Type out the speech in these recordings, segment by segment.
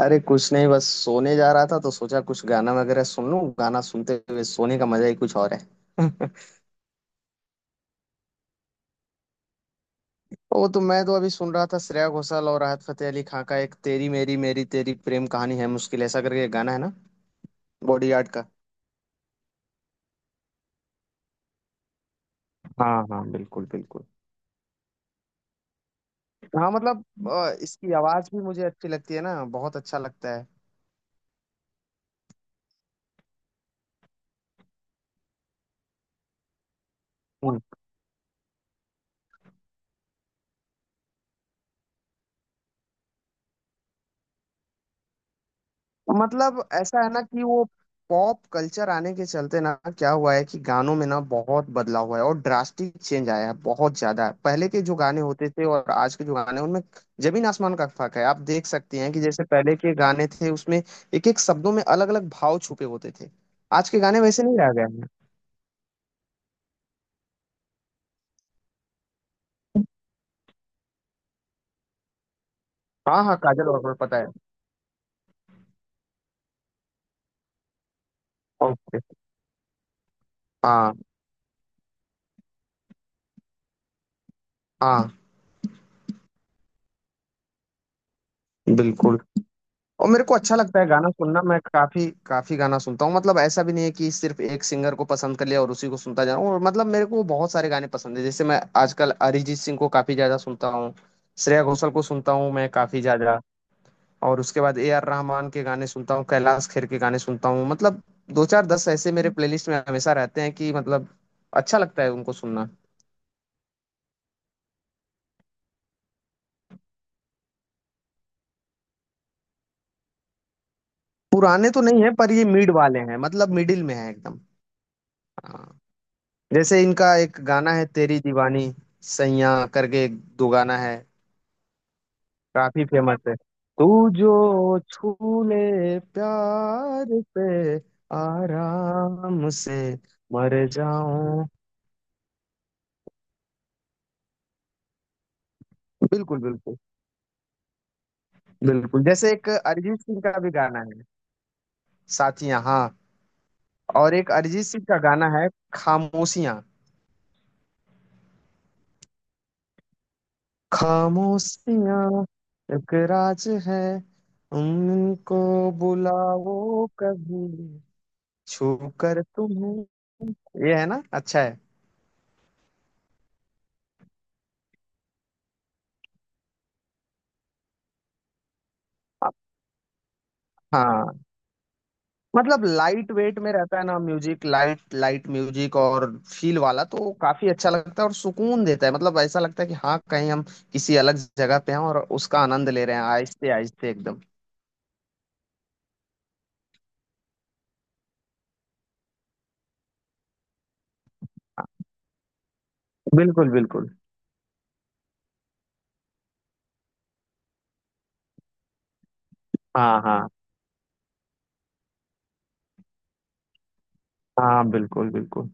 अरे कुछ नहीं, बस सोने जा रहा था तो सोचा कुछ गाना वगैरह सुन लूं। गाना सुनते हुए सोने का मजा ही कुछ और है। वो तो मैं तो अभी सुन रहा था श्रेया घोषाल और राहत फतेह अली खां का, एक तेरी मेरी मेरी तेरी प्रेम कहानी है मुश्किल ऐसा करके एक गाना है ना, बॉडीगार्ड का। हाँ हाँ, बिल्कुल बिल्कुल। हाँ मतलब इसकी आवाज भी मुझे अच्छी लगती है ना, बहुत अच्छा लगता है। मतलब ऐसा है ना कि वो पॉप कल्चर आने के चलते ना क्या हुआ है कि गानों में ना बहुत बदलाव हुआ है और ड्रास्टिक चेंज आया है बहुत ज्यादा। पहले के जो गाने होते थे और आज के जो गाने हैं, उनमें जमीन आसमान का फर्क है। आप देख सकती हैं कि जैसे पहले के गाने थे, उसमें एक एक शब्दों में अलग अलग भाव छुपे होते थे। आज के गाने वैसे नहीं रह गए हैं। हाँ हाँ, काजल, और पता है। ओके। हाँ हाँ बिल्कुल। और मेरे को अच्छा लगता है गाना सुनना। मैं काफी काफी गाना सुनता हूँ। मतलब ऐसा भी नहीं है कि सिर्फ एक सिंगर को पसंद कर लिया और उसी को सुनता जा रहा हूँ। और मतलब मेरे को बहुत सारे गाने पसंद है, जैसे मैं आजकल अरिजीत सिंह को काफी ज्यादा सुनता हूँ, श्रेया घोषाल को सुनता हूँ मैं काफी ज्यादा। और उसके बाद ए आर रहमान के गाने सुनता हूँ, कैलाश खेर के गाने सुनता हूँ। मतलब दो चार दस ऐसे मेरे प्लेलिस्ट में हमेशा रहते हैं कि मतलब अच्छा लगता है उनको सुनना। पुराने तो नहीं है पर ये मिड वाले हैं, मतलब मिडिल में है एकदम। हाँ। जैसे इनका एक गाना है तेरी दीवानी, सैया करके एक दो गाना है, काफी फेमस है। तू जो छू ले प्यार पे, आराम से मर जाऊं। बिल्कुल बिल्कुल। बिल्कुल, जैसे एक अरिजीत सिंह का भी गाना है, साथियां, हाँ। और एक अरिजीत सिंह का गाना है खामोशियां। खामोशियां एक राज है उनको, बुलाओ कभी, छू कर तुम्हें, ये है ना, अच्छा है। हाँ मतलब लाइट वेट में रहता है ना म्यूजिक, लाइट लाइट म्यूजिक। और फील वाला तो काफी अच्छा लगता है और सुकून देता है। मतलब ऐसा लगता है कि हाँ कहीं हम किसी अलग जगह पे हैं और उसका आनंद ले रहे हैं, आहिस्ते आहिस्ते एकदम। बिल्कुल बिल्कुल। हाँ हाँ। हाँ बिल्कुल बिल्कुल।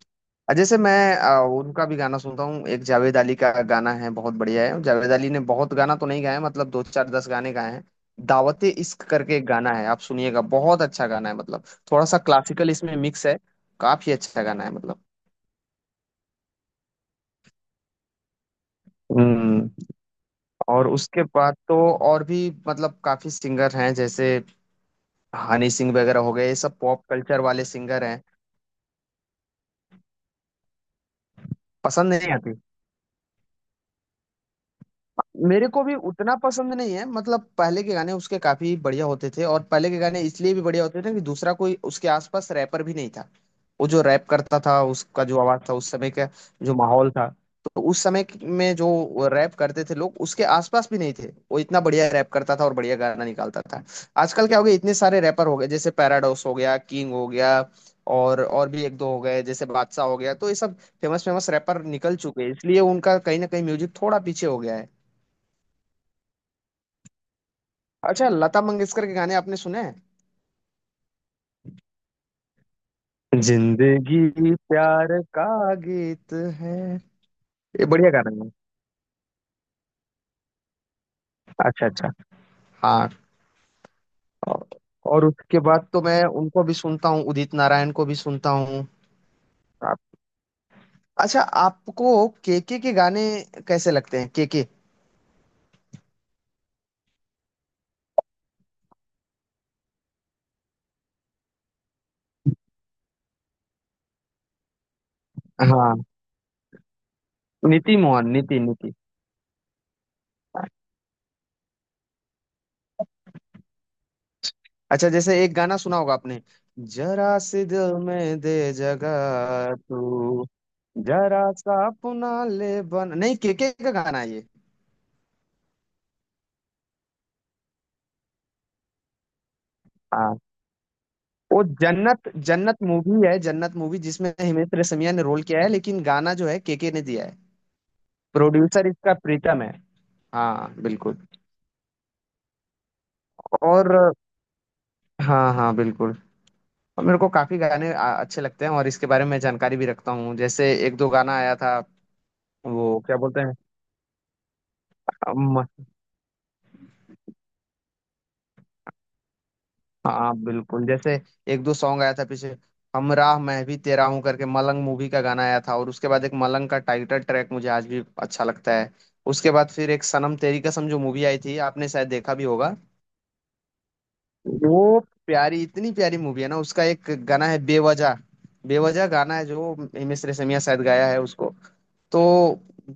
जैसे मैं उनका भी गाना सुनता हूँ, एक जावेद अली का गाना है, बहुत बढ़िया है। जावेद अली ने बहुत गाना तो नहीं गाया, मतलब दो चार दस गाने गाए हैं। दावते इश्क करके एक गाना है, आप सुनिएगा, बहुत अच्छा गाना है। मतलब थोड़ा सा क्लासिकल इसमें मिक्स है, काफी अच्छा गाना है मतलब। हम्म। और उसके बाद तो और भी मतलब काफी सिंगर हैं, जैसे हनी सिंह वगैरह हो गए, ये सब पॉप कल्चर वाले सिंगर हैं। पसंद नहीं आती। मेरे को भी उतना पसंद नहीं है, मतलब पहले के गाने उसके काफी बढ़िया होते थे। और पहले के गाने इसलिए भी बढ़िया होते थे कि दूसरा कोई उसके आसपास रैपर भी नहीं था। वो जो रैप करता था, उसका जो आवाज था उस समय का, जो माहौल था, तो उस समय में जो रैप करते थे लोग, उसके आसपास भी नहीं थे। वो इतना बढ़िया रैप करता था और बढ़िया गाना निकालता था। आजकल क्या हो गया, इतने सारे रैपर हो गए, जैसे पैराडॉक्स हो गया, किंग हो गया, और भी एक दो हो गए, जैसे बादशाह हो गया। तो ये सब फेमस फेमस रैपर निकल चुके हैं, इसलिए उनका कहीं ना कहीं म्यूजिक थोड़ा पीछे हो गया है। अच्छा, लता मंगेशकर के गाने आपने सुने हैं? जिंदगी प्यार का गीत है, ये बढ़िया गाना है। अच्छा अच्छा, हाँ। और और उसके बाद तो मैं उनको भी सुनता हूँ, उदित नारायण को भी सुनता हूँ। आप- अच्छा, आपको केके के गाने कैसे लगते हैं, केके? हाँ। नीति मोहन, नीति नीति। अच्छा जैसे एक गाना सुना होगा आपने, जरा सी दिल में दे जगह तू, जरा सा अपना ले बन, नहीं, केके का गाना है ये। वो जन्नत, जन्नत मूवी है, जन्नत मूवी जिसमें हिमेश रेशमिया ने रोल किया है, लेकिन गाना जो है केके ने दिया है। प्रोड्यूसर इसका प्रीतम है। हाँ बिल्कुल। और हाँ हाँ बिल्कुल। और मेरे को काफी गाने अच्छे लगते हैं, और इसके बारे में जानकारी भी रखता हूँ। जैसे एक दो गाना आया था, वो क्या बोलते हैं। हाँ बिल्कुल, जैसे एक दो सॉन्ग आया था पीछे, हमराह मैं भी तेरा हूँ करके, मलंग मूवी का गाना आया था। और उसके बाद एक मलंग का टाइटल ट्रैक मुझे आज भी अच्छा लगता है। उसके बाद फिर एक सनम तेरी कसम जो मूवी आई थी, आपने शायद देखा भी होगा वो, प्यारी, इतनी प्यारी मूवी है ना। उसका एक गाना है बेवजह, बेवजह गाना है जो हिमेश रेशमिया शायद गाया है उसको। तो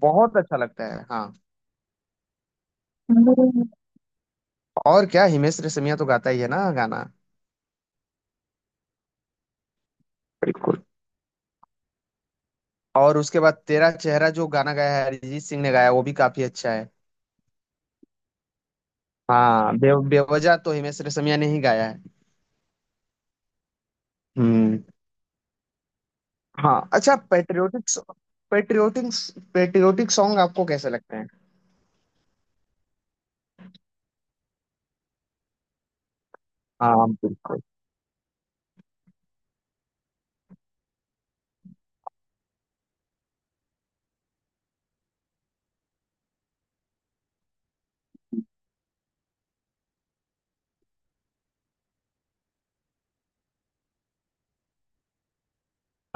बहुत अच्छा लगता है। हाँ और क्या, हिमेश रेशमिया तो गाता ही है ना गाना। बिल्कुल। और उसके बाद तेरा चेहरा जो गाना गाया है, अरिजीत सिंह ने गाया, वो भी काफी अच्छा है। हाँ बेवजह तो हिमेश रेशमिया ने ही गाया है। हम्म। हाँ, अच्छा। पेट्रियोटिक, पेट्रियोटिक पेट्रियोटिक सॉन्ग आपको कैसे लगते हैं? हाँ बिल्कुल।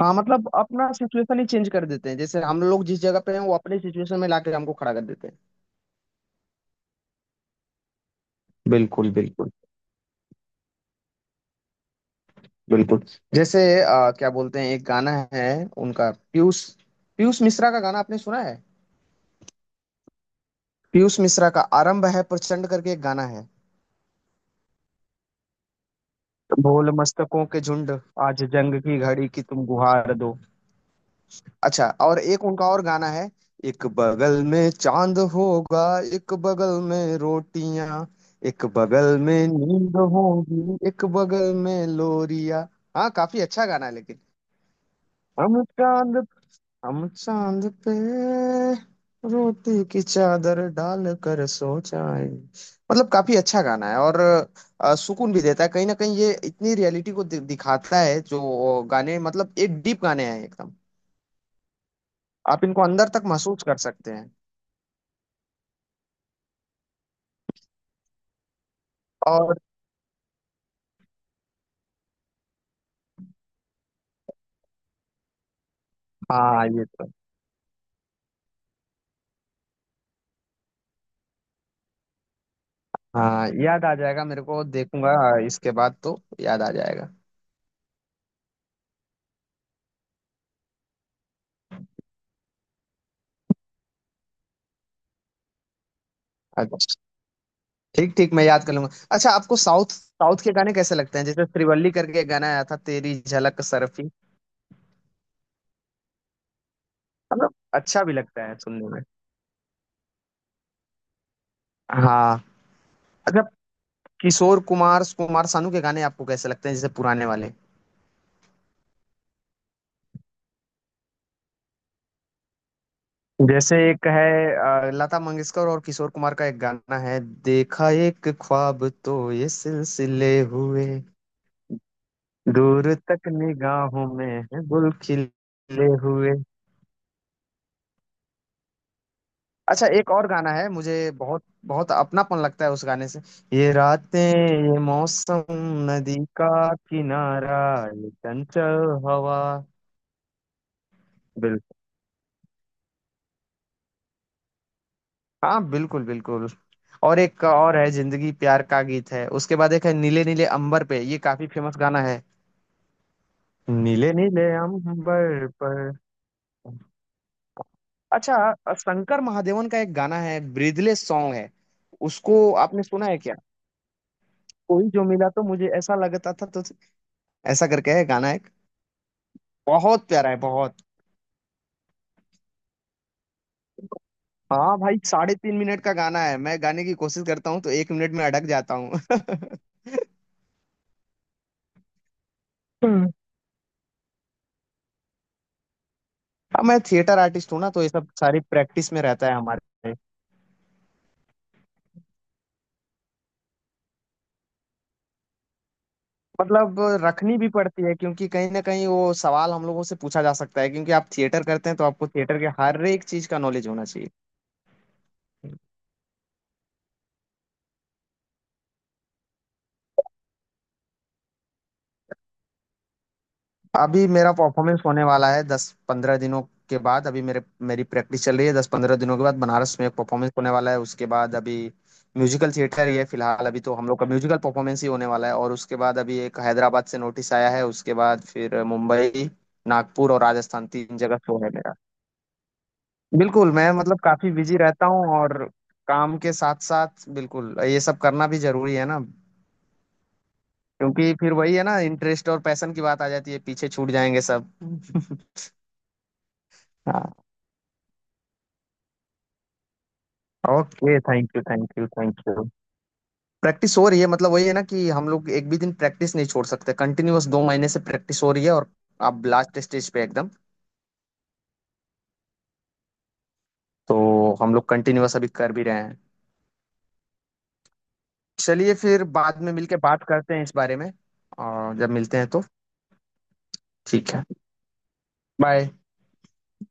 हाँ मतलब अपना सिचुएशन ही चेंज कर देते हैं, जैसे हम लोग जिस जगह पे हैं, वो अपने सिचुएशन में लाके हमको खड़ा कर देते हैं। बिल्कुल बिल्कुल। बिल्कुल, जैसे क्या बोलते हैं, एक गाना है उनका, पीयूष, पीयूष मिश्रा का गाना आपने सुना है? पीयूष मिश्रा का आरंभ है प्रचंड करके एक गाना है, भोल मस्तकों के झुंड, आज जंग की घड़ी की तुम गुहार दो। अच्छा, और एक उनका और गाना है, एक बगल में चांद होगा, एक बगल में रोटियां, एक बगल में नींद होगी, एक बगल में लोरिया। हाँ काफी अच्छा गाना है लेकिन। हम चांद हम चांद पे रोटी की चादर डाल कर सो जाए, मतलब काफी अच्छा गाना है। और सुकून भी देता है कहीं ना कहीं। ये इतनी रियलिटी को दिखाता है जो गाने, मतलब एक डीप गाने हैं एकदम, आप इनको अंदर तक महसूस कर सकते हैं। और हाँ ये तो। हाँ याद आ जाएगा, मेरे को देखूंगा। इसके बाद तो याद आ जाएगा। अच्छा ठीक ठीक, मैं याद कर लूंगा। अच्छा आपको साउथ, साउथ के गाने कैसे लगते हैं? जैसे श्रीवल्ली करके एक गाना आया था, तेरी झलक सरफी। मतलब अच्छा भी लगता है सुनने में। हाँ। अच्छा, किशोर कुमार, कुमार सानू के गाने आपको कैसे लगते हैं, जैसे पुराने वाले? जैसे एक है लता मंगेशकर और किशोर कुमार का एक गाना है, देखा एक ख्वाब तो ये सिलसिले हुए, दूर तक निगाहों में है गुल खिले हुए। अच्छा, एक और गाना है, मुझे बहुत बहुत अपनापन लगता है उस गाने से, ये रातें ये मौसम, नदी का किनारा, ये चंचल हवा। हाँ बिल्कुल बिल्कुल। और एक और है जिंदगी प्यार का गीत है। उसके बाद एक है नीले नीले अंबर पे, ये काफी फेमस गाना है। नीले नीले अंबर पर। अच्छा, शंकर महादेवन का एक गाना है, ब्रीदले सॉन्ग है उसको, आपने सुना है क्या? कोई जो मिला तो मुझे ऐसा लगता था, तो ऐसा करके है गाना एक। बहुत प्यारा है, बहुत। हाँ भाई, 3.5 मिनट का गाना है, मैं गाने की कोशिश करता हूँ तो 1 मिनट में अटक जाता हूँ। हाँ मैं थिएटर आर्टिस्ट हूँ ना, तो ये सब सारी प्रैक्टिस में रहता है हमारे। मतलब रखनी भी पड़ती है, क्योंकि कहीं ना कहीं वो सवाल हम लोगों से पूछा जा सकता है। क्योंकि आप थिएटर करते हैं तो आपको थिएटर के हर एक चीज का नॉलेज होना चाहिए। अभी मेरा परफॉर्मेंस होने वाला है 10-15 दिनों के बाद। अभी मेरे मेरी प्रैक्टिस चल रही है, 10-15 दिनों के बाद बनारस में एक परफॉर्मेंस होने वाला है। उसके बाद अभी म्यूजिकल थिएटर ही है फिलहाल, अभी तो हम लोग का म्यूजिकल परफॉर्मेंस ही होने वाला है। और उसके बाद अभी एक हैदराबाद से नोटिस आया है। उसके बाद फिर मुंबई, नागपुर और राजस्थान, तीन जगह शो है मेरा। बिल्कुल, मैं मतलब काफी बिजी रहता हूँ। और काम के साथ साथ बिल्कुल ये सब करना भी जरूरी है ना, क्योंकि फिर वही है ना, इंटरेस्ट और पैशन की बात आ जाती है, पीछे छूट जाएंगे सब। हाँ। Okay, thank you thank you thank you. Practice हो रही है, मतलब वही है ना कि हम लोग एक भी दिन प्रैक्टिस नहीं छोड़ सकते। कंटिन्यूअस 2 महीने से प्रैक्टिस हो रही है और अब लास्ट स्टेज पे एकदम। तो हम लोग कंटिन्यूअस अभी कर भी रहे हैं। चलिए फिर बाद में मिलके बात करते हैं इस बारे में, और जब मिलते हैं तो। ठीक है, बाय।